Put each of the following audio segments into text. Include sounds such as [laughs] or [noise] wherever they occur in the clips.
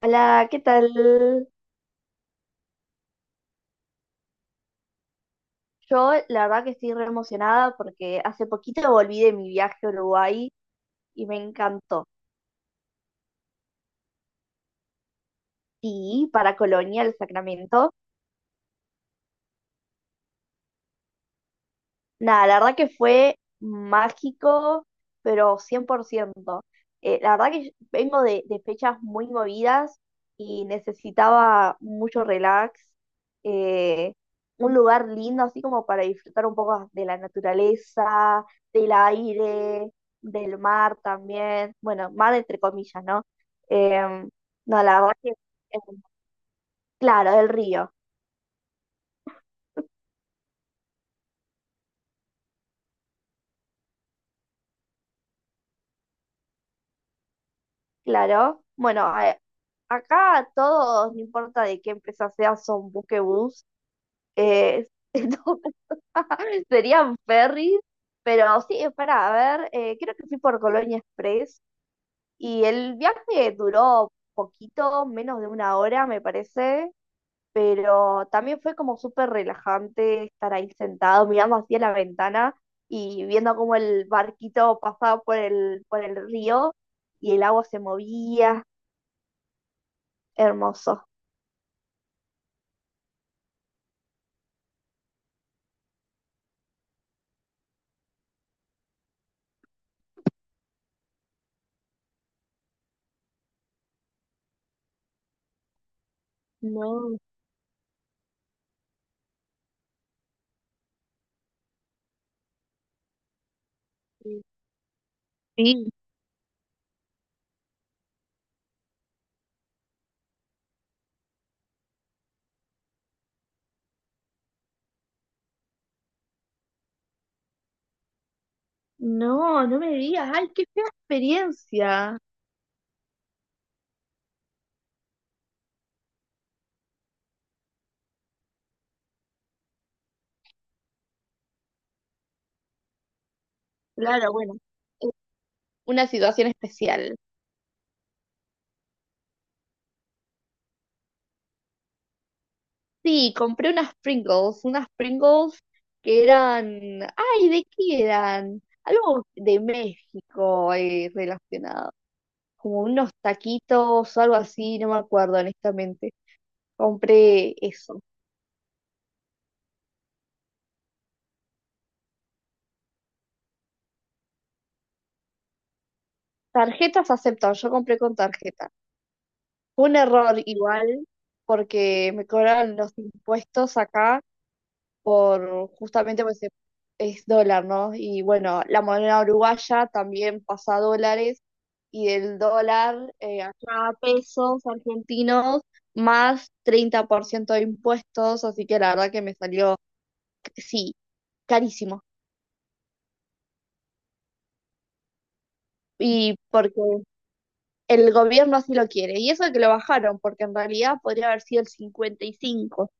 Hola, ¿qué tal? Yo la verdad que estoy re emocionada porque hace poquito volví de mi viaje a Uruguay y me encantó. Sí, para Colonia, el Sacramento. Nada, la verdad que fue mágico, pero 100%. La verdad que yo vengo de fechas muy movidas y necesitaba mucho relax, eh, un lugar lindo así como para disfrutar un poco de la naturaleza, del aire, del mar también. Bueno, mar entre comillas, ¿no? Em, no, la verdad que, em, claro, del río. Claro. Bueno, acá todos, no importa de qué empresa sea, son buquebús. Eh, [laughs] entonces serían ferries, pero sí, espera a ver, creo que fui por Colonia Express y el viaje duró poquito, menos de una hora, me parece, pero también fue como súper relajante estar ahí sentado mirando hacia la ventana y viendo cómo el barquito pasaba por el río y el agua se movía, hermoso. No, sí, sí. No, no me digas. Ay, qué fea experiencia. Claro, bueno, una situación especial. Sí, compré unas Pringles que eran, ay, ¿de qué eran? Algo de México, relacionado, como unos taquitos o algo así, no me acuerdo honestamente. Compré eso. Tarjetas aceptan, yo compré con tarjeta. Fue un error igual porque me cobraron los impuestos acá por justamente pues es dólar, ¿no? Y bueno, la moneda uruguaya también pasa a dólares y del dólar acá a pesos argentinos más 30% de impuestos, así que la verdad que me salió, sí, carísimo. Y porque el gobierno así lo quiere. Y eso que lo bajaron, porque en realidad podría haber sido el 55.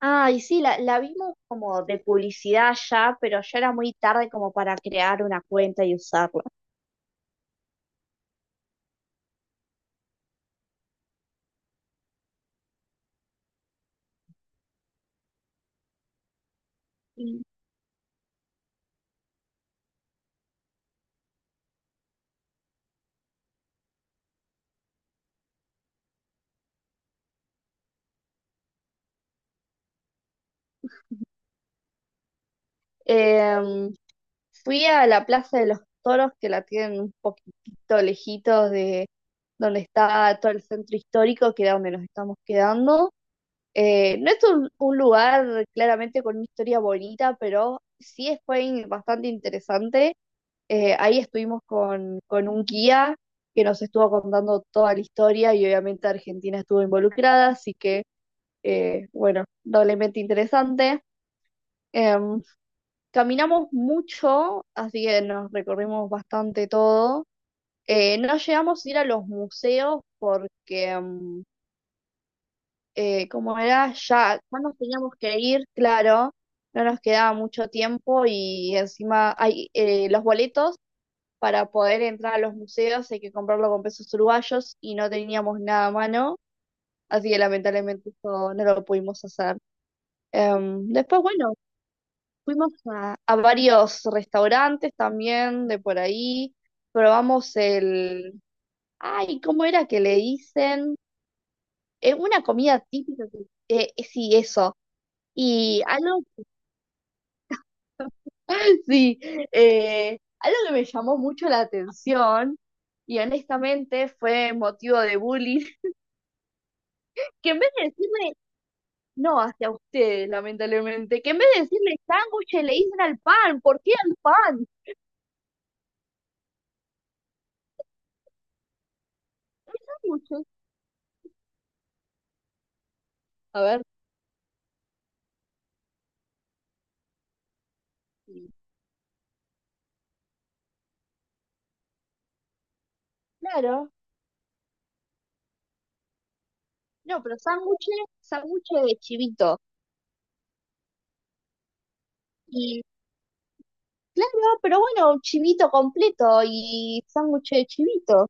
Ay, sí, la vimos como de publicidad ya, pero ya era muy tarde como para crear una cuenta y usarla. Mm. Em, fui a la Plaza de los Toros, que la tienen un poquitito lejitos de donde está todo el centro histórico, que era donde nos estamos quedando. No es un lugar claramente con una historia bonita, pero bastante interesante. Ahí estuvimos con un guía que nos estuvo contando toda la historia y obviamente Argentina estuvo involucrada, así que, bueno, doblemente interesante. Em, Caminamos mucho, así que nos recorrimos bastante todo. No llegamos a ir a los museos porque, como era, ya nos teníamos que ir, claro, no nos quedaba mucho tiempo y encima hay los boletos para poder entrar a los museos, hay que comprarlo con pesos uruguayos y no teníamos nada a mano, así que lamentablemente eso no lo pudimos hacer. Después, bueno. Fuimos a varios restaurantes también de por ahí. Probamos el... Ay, ¿cómo era que le dicen? Es una comida típica. Sí, eso. Y algo... [laughs] Sí, algo que me llamó mucho la atención y honestamente fue motivo de bullying, [laughs] que en vez de decirle, no hacia ustedes, lamentablemente, que en vez de decirle sándwiches le dicen al pan, ¿por qué al pan? Sándwiches. A ver, sí, claro. No, pero sándwiches, sándwiches de chivito. Y claro, pero bueno, chivito completo y sándwiches de chivito.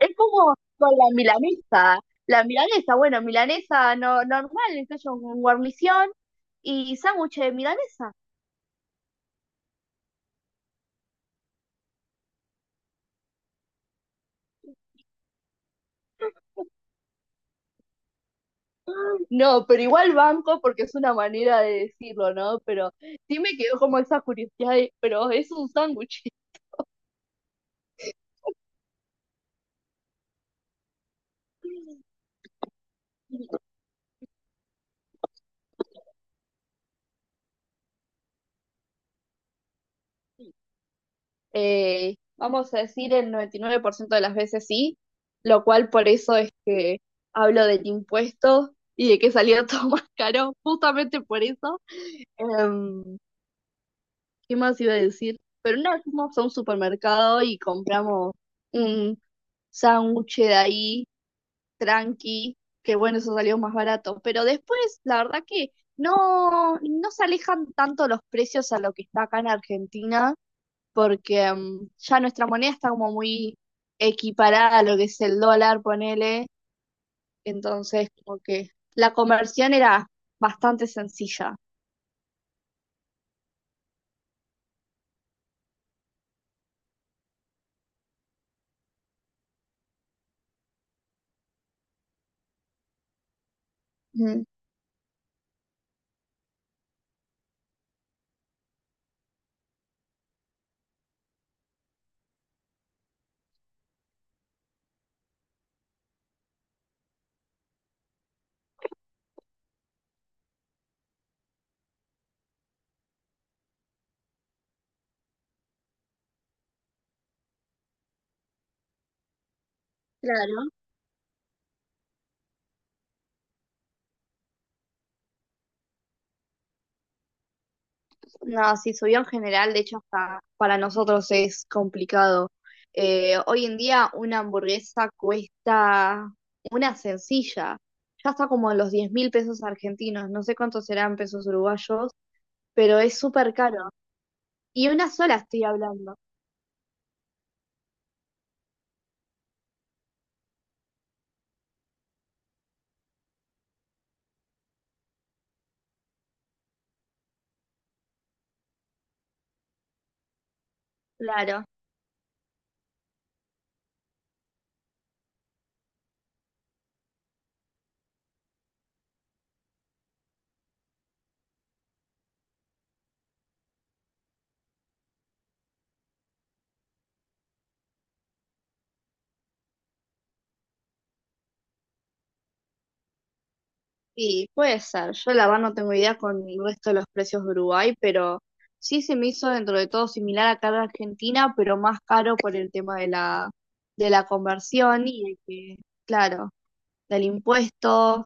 Es como con la milanesa. La milanesa, bueno, milanesa no, normal, entonces con guarnición y sándwiches de milanesa. No, pero igual banco porque es una manera de decirlo, ¿no? Pero sí me quedó como esa curiosidad de, pero es un sándwich. Vamos a decir el 99% de las veces sí, lo cual por eso es que hablo del impuesto y de que salió todo [laughs] más caro, justamente por eso. Em, ¿Qué más iba a decir? Pero una vez fuimos a un supermercado y compramos un sándwich de ahí, tranqui, que bueno, eso salió más barato. Pero después, la verdad que no, no se alejan tanto los precios a lo que está acá en Argentina porque ya nuestra moneda está como muy equiparada a lo que es el dólar, ponele, entonces como que la conversión era bastante sencilla. Ujú. Claro. No, sí, subió en general, de hecho hasta para nosotros es complicado. Hoy en día una hamburguesa cuesta una sencilla, ya está como en los 10.000 pesos argentinos, no sé cuántos serán pesos uruguayos, pero es súper caro. Y una sola estoy hablando, claro. Y puede ser, yo la verdad no tengo idea con el resto de los precios de Uruguay, pero sí se me hizo dentro de todo similar acá en Argentina, pero más caro por el tema de de la conversión y de que, claro, del impuesto.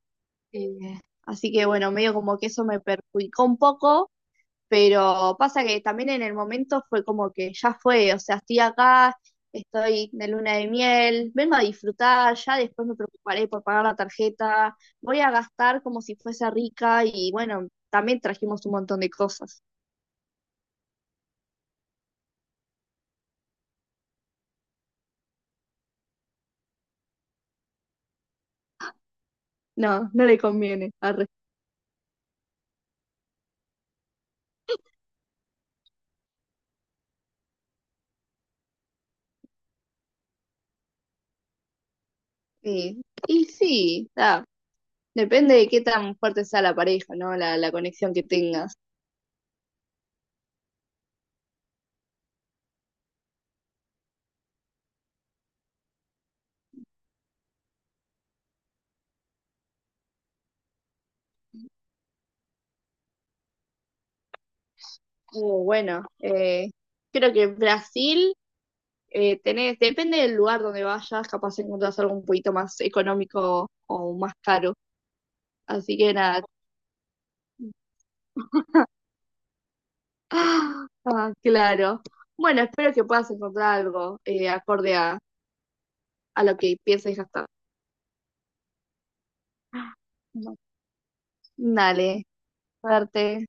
eh, así que bueno, medio como que eso me perjudicó un poco, pero pasa que también en el momento fue como que ya fue, o sea, estoy acá, estoy de luna de miel, vengo a disfrutar, ya después me preocuparé por pagar la tarjeta, voy a gastar como si fuese rica y bueno, también trajimos un montón de cosas. No, no le conviene, arre. Sí. Y sí, da, depende de qué tan fuerte sea la pareja, ¿no? La conexión que tengas. Bueno, creo que Brasil tenés, depende del lugar donde vayas, capaz encontrás algo un poquito más económico o más caro. Así que nada. [gasps] Ah, ah, claro. Bueno, espero que puedas encontrar algo acorde a lo que piensas gastar. [gasps] Dale, suerte.